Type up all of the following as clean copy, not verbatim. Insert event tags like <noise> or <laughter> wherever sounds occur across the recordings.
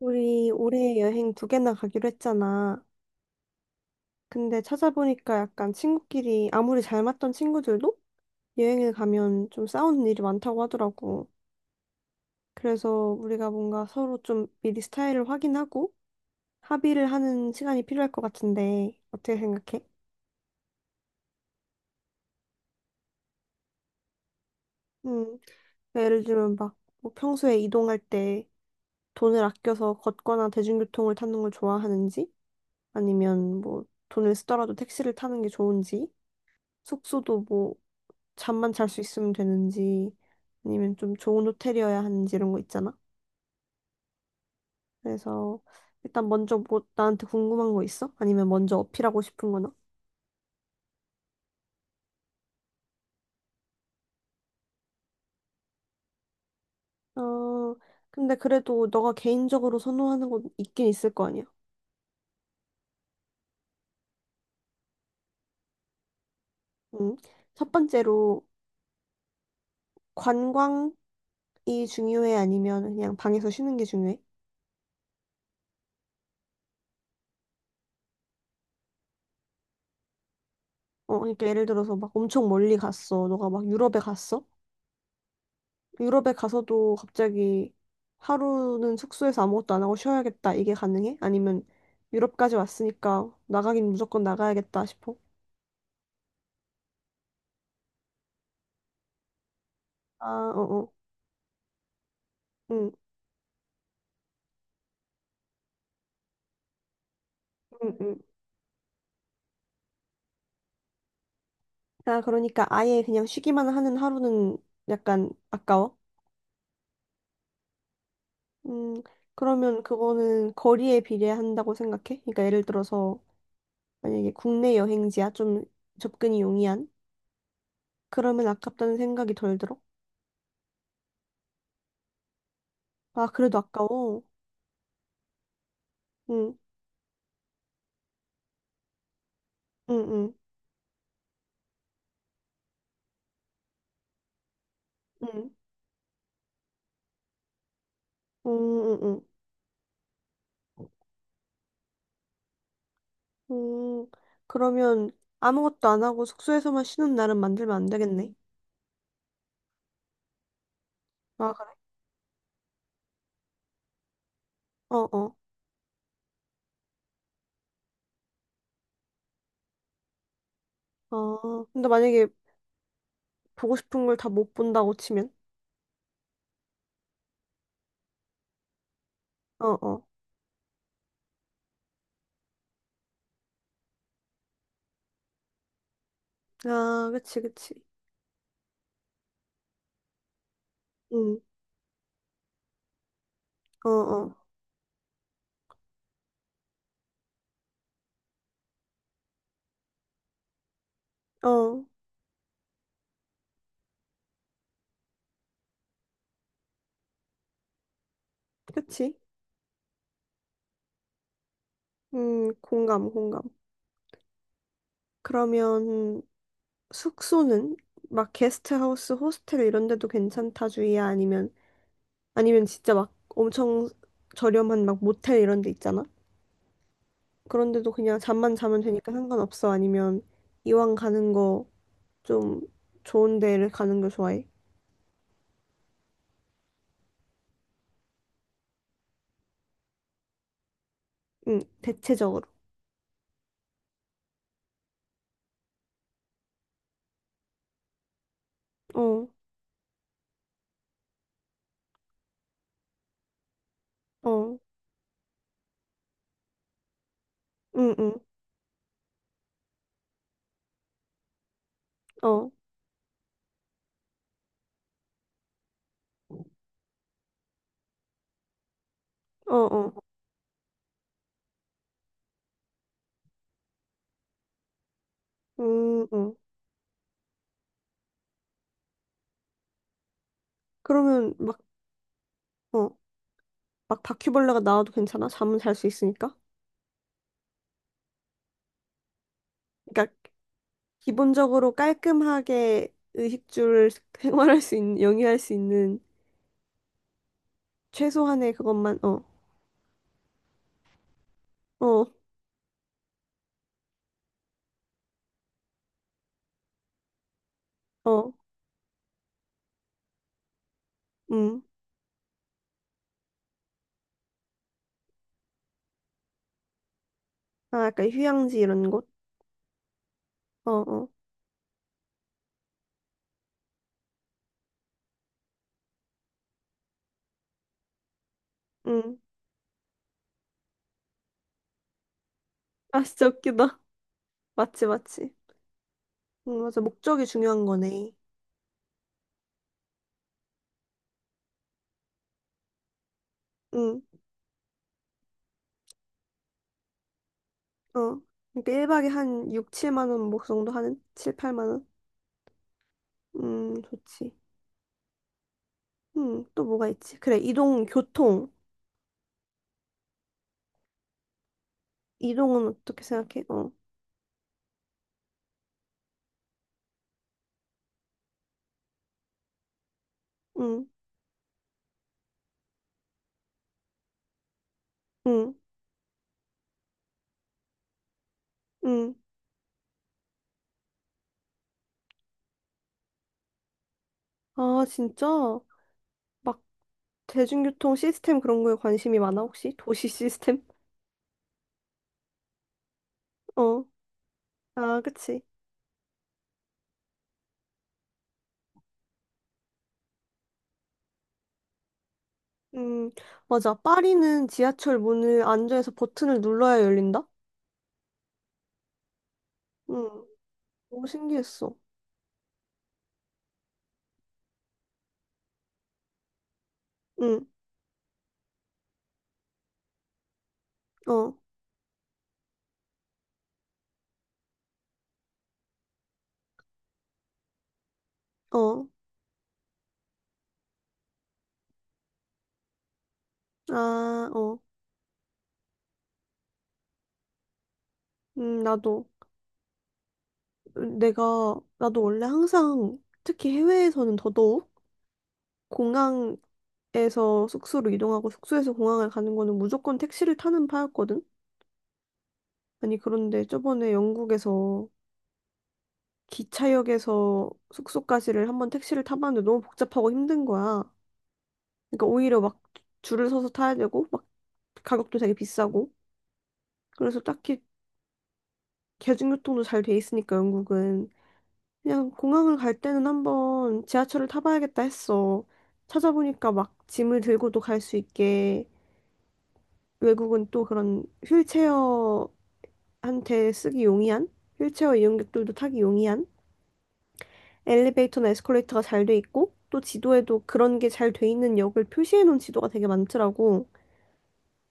우리 올해 여행 두 개나 가기로 했잖아. 근데 찾아보니까 약간 친구끼리 아무리 잘 맞던 친구들도 여행을 가면 좀 싸우는 일이 많다고 하더라고. 그래서 우리가 뭔가 서로 좀 미리 스타일을 확인하고 합의를 하는 시간이 필요할 것 같은데 어떻게 생각해? 음, 그러니까 예를 들면 막 뭐 평소에 이동할 때 돈을 아껴서 걷거나 대중교통을 타는 걸 좋아하는지 아니면 뭐 돈을 쓰더라도 택시를 타는 게 좋은지 숙소도 뭐 잠만 잘 수 있으면 되는지 아니면 좀 좋은 호텔이어야 하는지 이런 거 있잖아. 그래서 일단 먼저 뭐 나한테 궁금한 거 있어? 아니면 먼저 어필하고 싶은 거나? 어, 근데 그래도 너가 개인적으로 선호하는 건 있긴 있을 거 아니야. 응. 첫 번째로 관광이 중요해 아니면 그냥 방에서 쉬는 게 중요해? 어, 그러니까 예를 들어서 막 엄청 멀리 갔어. 너가 막 유럽에 갔어? 유럽에 가서도 갑자기 하루는 숙소에서 아무것도 안 하고 쉬어야겠다. 이게 가능해? 아니면 유럽까지 왔으니까 나가긴 무조건 나가야겠다 싶어? 아, 어, 어. 응, 응, 응. 아, 그러니까 아예 그냥 쉬기만 하는 하루는 약간 아까워? 음, 그러면 그거는 거리에 비례한다고 생각해? 그러니까 예를 들어서 만약에 국내 여행지야 좀 접근이 용이한? 그러면 아깝다는 생각이 덜 들어? 아, 그래도 아까워. 응, 응, 응, 응. 응, 응, 응. 음, 그러면 아무것도 안 하고 숙소에서만 쉬는 날은 만들면 안 되겠네. 아, 그래? 어어. 어. 어. 아, 근데 만약에 보고 싶은 걸 다 못 본다고 치면? 어어. 아, 그치, 그치. 응, 어어. 어, 그치. 공감, 공감. 그러면 숙소는 막 게스트하우스, 호스텔 이런 데도 괜찮다 주의야? 아니면, 아니면 진짜 막 엄청 저렴한 막 모텔 이런 데 있잖아? 그런데도 그냥 잠만 자면 되니까 상관없어. 아니면 이왕 가는 거 좀 좋은 데를 가는 걸 좋아해. 응, 대체적으로. 어, 어, 응, 응, 어, 어, 어, 응. 그러면 막, 어, 막 바퀴벌레가 나와도 괜찮아? 잠은 잘 수 있으니까. 그러니까 기본적으로 깔끔하게 의식주를 <laughs> 생활할 수 있는, 영위할 수 있는 최소한의 그것만, 어, 어, 어, 음. 아, 약간 휴양지 이런 곳? 어, 어, 음. 아, 진짜 웃기다. 맞지, 맞지. 응, 맞아. 목적이 중요한 거네. 응, 어. 그러니까 1박에 한 6, 7만 원 목 정도 하는? 7, 8만 원? 좋지. 응, 또 뭐가 있지? 그래, 이동, 교통. 이동은 어떻게 생각해? 어. 응, 응, 응. 아, 진짜? 막 대중교통 시스템 그런 거에 관심이 많아, 혹시? 도시 <laughs> 시스템? 어. 아, 그치. 음, 맞아. 파리는 지하철 문을 안전에서 버튼을 눌러야 열린다? 응. 너무 신기했어. 응, 어. 어. 아, 어. 나도, 내가, 나도 원래 항상, 특히 해외에서는 더더욱, 공항에서 숙소로 이동하고 숙소에서 공항을 가는 거는 무조건 택시를 타는 파였거든? 아니, 그런데 저번에 영국에서 기차역에서 숙소까지를 한번 택시를 타봤는데 너무 복잡하고 힘든 거야. 그러니까 오히려 막 줄을 서서 타야 되고, 막 가격도 되게 비싸고. 그래서 딱히 대중교통도 잘 돼 있으니까 영국은. 그냥 공항을 갈 때는 한번 지하철을 타봐야겠다 했어. 찾아보니까 막 짐을 들고도 갈 수 있게 외국은 또 그런 휠체어한테 쓰기 용이한 휠체어 이용객들도 타기 용이한 엘리베이터나 에스컬레이터가 잘 돼 있고 또 지도에도 그런 게 잘 돼 있는 역을 표시해 놓은 지도가 되게 많더라고.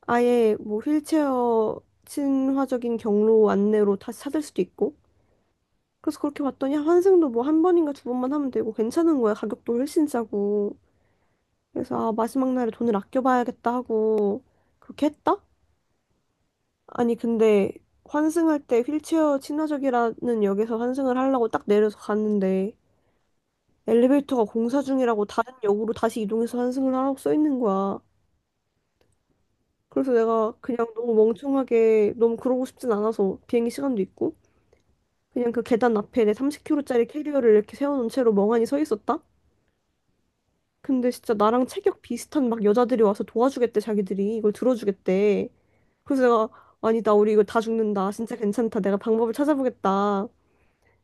아예 뭐 휠체어 친화적인 경로 안내로 다시 찾을 수도 있고. 그래서 그렇게 봤더니 환승도 뭐 한 번인가 두 번만 하면 되고 괜찮은 거야. 가격도 훨씬 싸고. 그래서 아, 마지막 날에 돈을 아껴봐야겠다 하고 그렇게 했다? 아니 근데 환승할 때 휠체어 친화적이라는 역에서 환승을 하려고 딱 내려서 갔는데 엘리베이터가 공사 중이라고 다른 역으로 다시 이동해서 환승을 하라고 써 있는 거야. 그래서 내가 그냥 너무 멍청하게 너무 그러고 싶진 않아서 비행기 시간도 있고 그냥 그 계단 앞에 내 30kg짜리 캐리어를 이렇게 세워놓은 채로 멍하니 서 있었다? 근데 진짜 나랑 체격 비슷한 막 여자들이 와서 도와주겠대 자기들이 이걸 들어주겠대. 그래서 내가 아니 나 우리 이거 다 죽는다 진짜 괜찮다 내가 방법을 찾아보겠다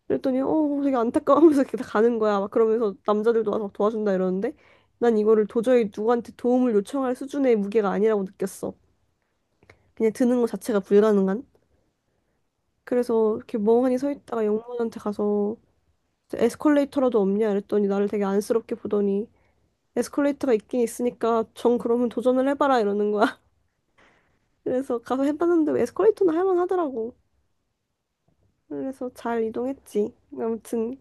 그랬더니 어 되게 안타까워하면서 이렇게 다 가는 거야 막 그러면서 남자들도 와서 막 도와준다 이러는데 난 이거를 도저히 누구한테 도움을 요청할 수준의 무게가 아니라고 느꼈어. 그냥 드는 거 자체가 불가능한. 그래서 이렇게 멍하니 서 있다가 영문한테 가서 에스컬레이터라도 없냐 이랬더니 나를 되게 안쓰럽게 보더니 에스컬레이터가 있긴 있으니까 정 그러면 도전을 해봐라 이러는 거야. <laughs> 그래서 가서 해봤는데 에스컬레이터는 할만하더라고. 그래서 잘 이동했지. 아무튼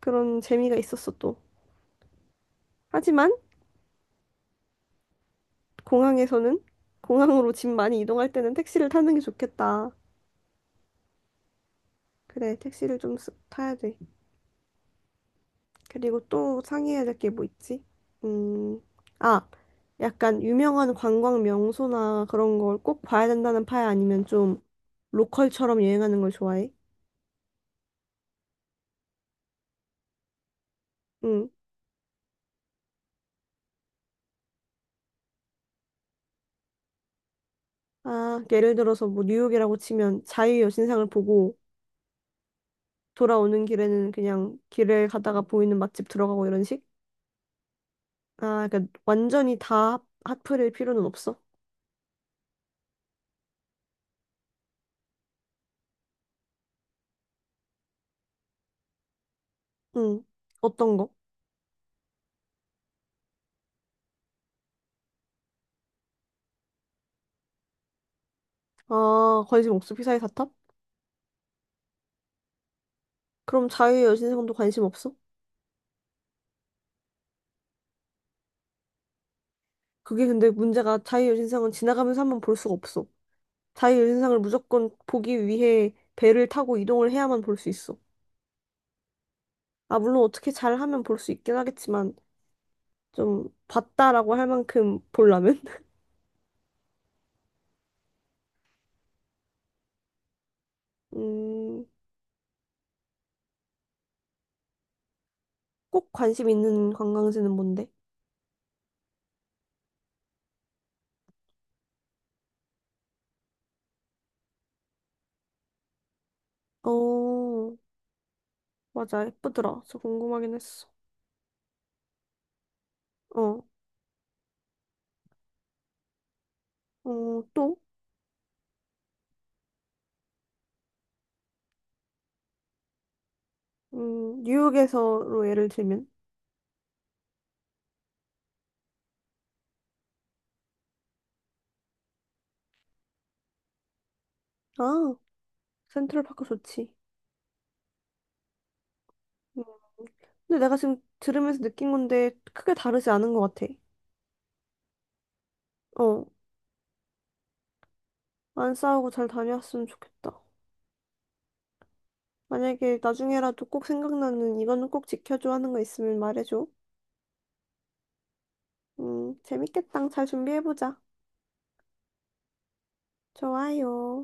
그런 재미가 있었어 또. 하지만 공항에서는 공항으로 집 많이 이동할 때는 택시를 타는 게 좋겠다. 그래, 택시를 좀 타야 돼. 그리고 또 상의해야 될 게 뭐 있지? 음, 아, 약간 유명한 관광 명소나 그런 걸 꼭 봐야 된다는 파야 아니면 좀 로컬처럼 여행하는 걸 좋아해? 응. 아, 예를 들어서 뭐 뉴욕이라고 치면 자유여신상을 보고 돌아오는 길에는 그냥 길을 가다가 보이는 맛집 들어가고 이런 식? 아, 그러니까 완전히 다 핫플일 필요는 없어. 응. 어떤 거? 아, 관심 없어. 피사의 사탑? 그럼 자유의 여신상도 관심 없어? 그게 근데 문제가 자유의 여신상은 지나가면서 한번 볼 수가 없어. 자유의 여신상을 무조건 보기 위해 배를 타고 이동을 해야만 볼 수 있어. 아, 물론 어떻게 잘하면 볼 수 있긴 하겠지만 좀 봤다라고 할 만큼 보려면 <laughs> 음, 꼭 관심 있는 관광지는 뭔데? 어. 맞아, 예쁘더라. 그래서 궁금하긴 했어. 어, 어, 또, 뉴욕에서로 예를 들면, 아, 센트럴파크 좋지. 음, 근데 내가 지금 들으면서 느낀 건데 크게 다르지 않은 것 같아. 어, 안 싸우고 잘 다녀왔으면 좋겠다. 만약에 나중에라도 꼭 생각나는 이거는 꼭 지켜줘 하는 거 있으면 말해줘. 재밌겠다. 잘 준비해보자. 좋아요.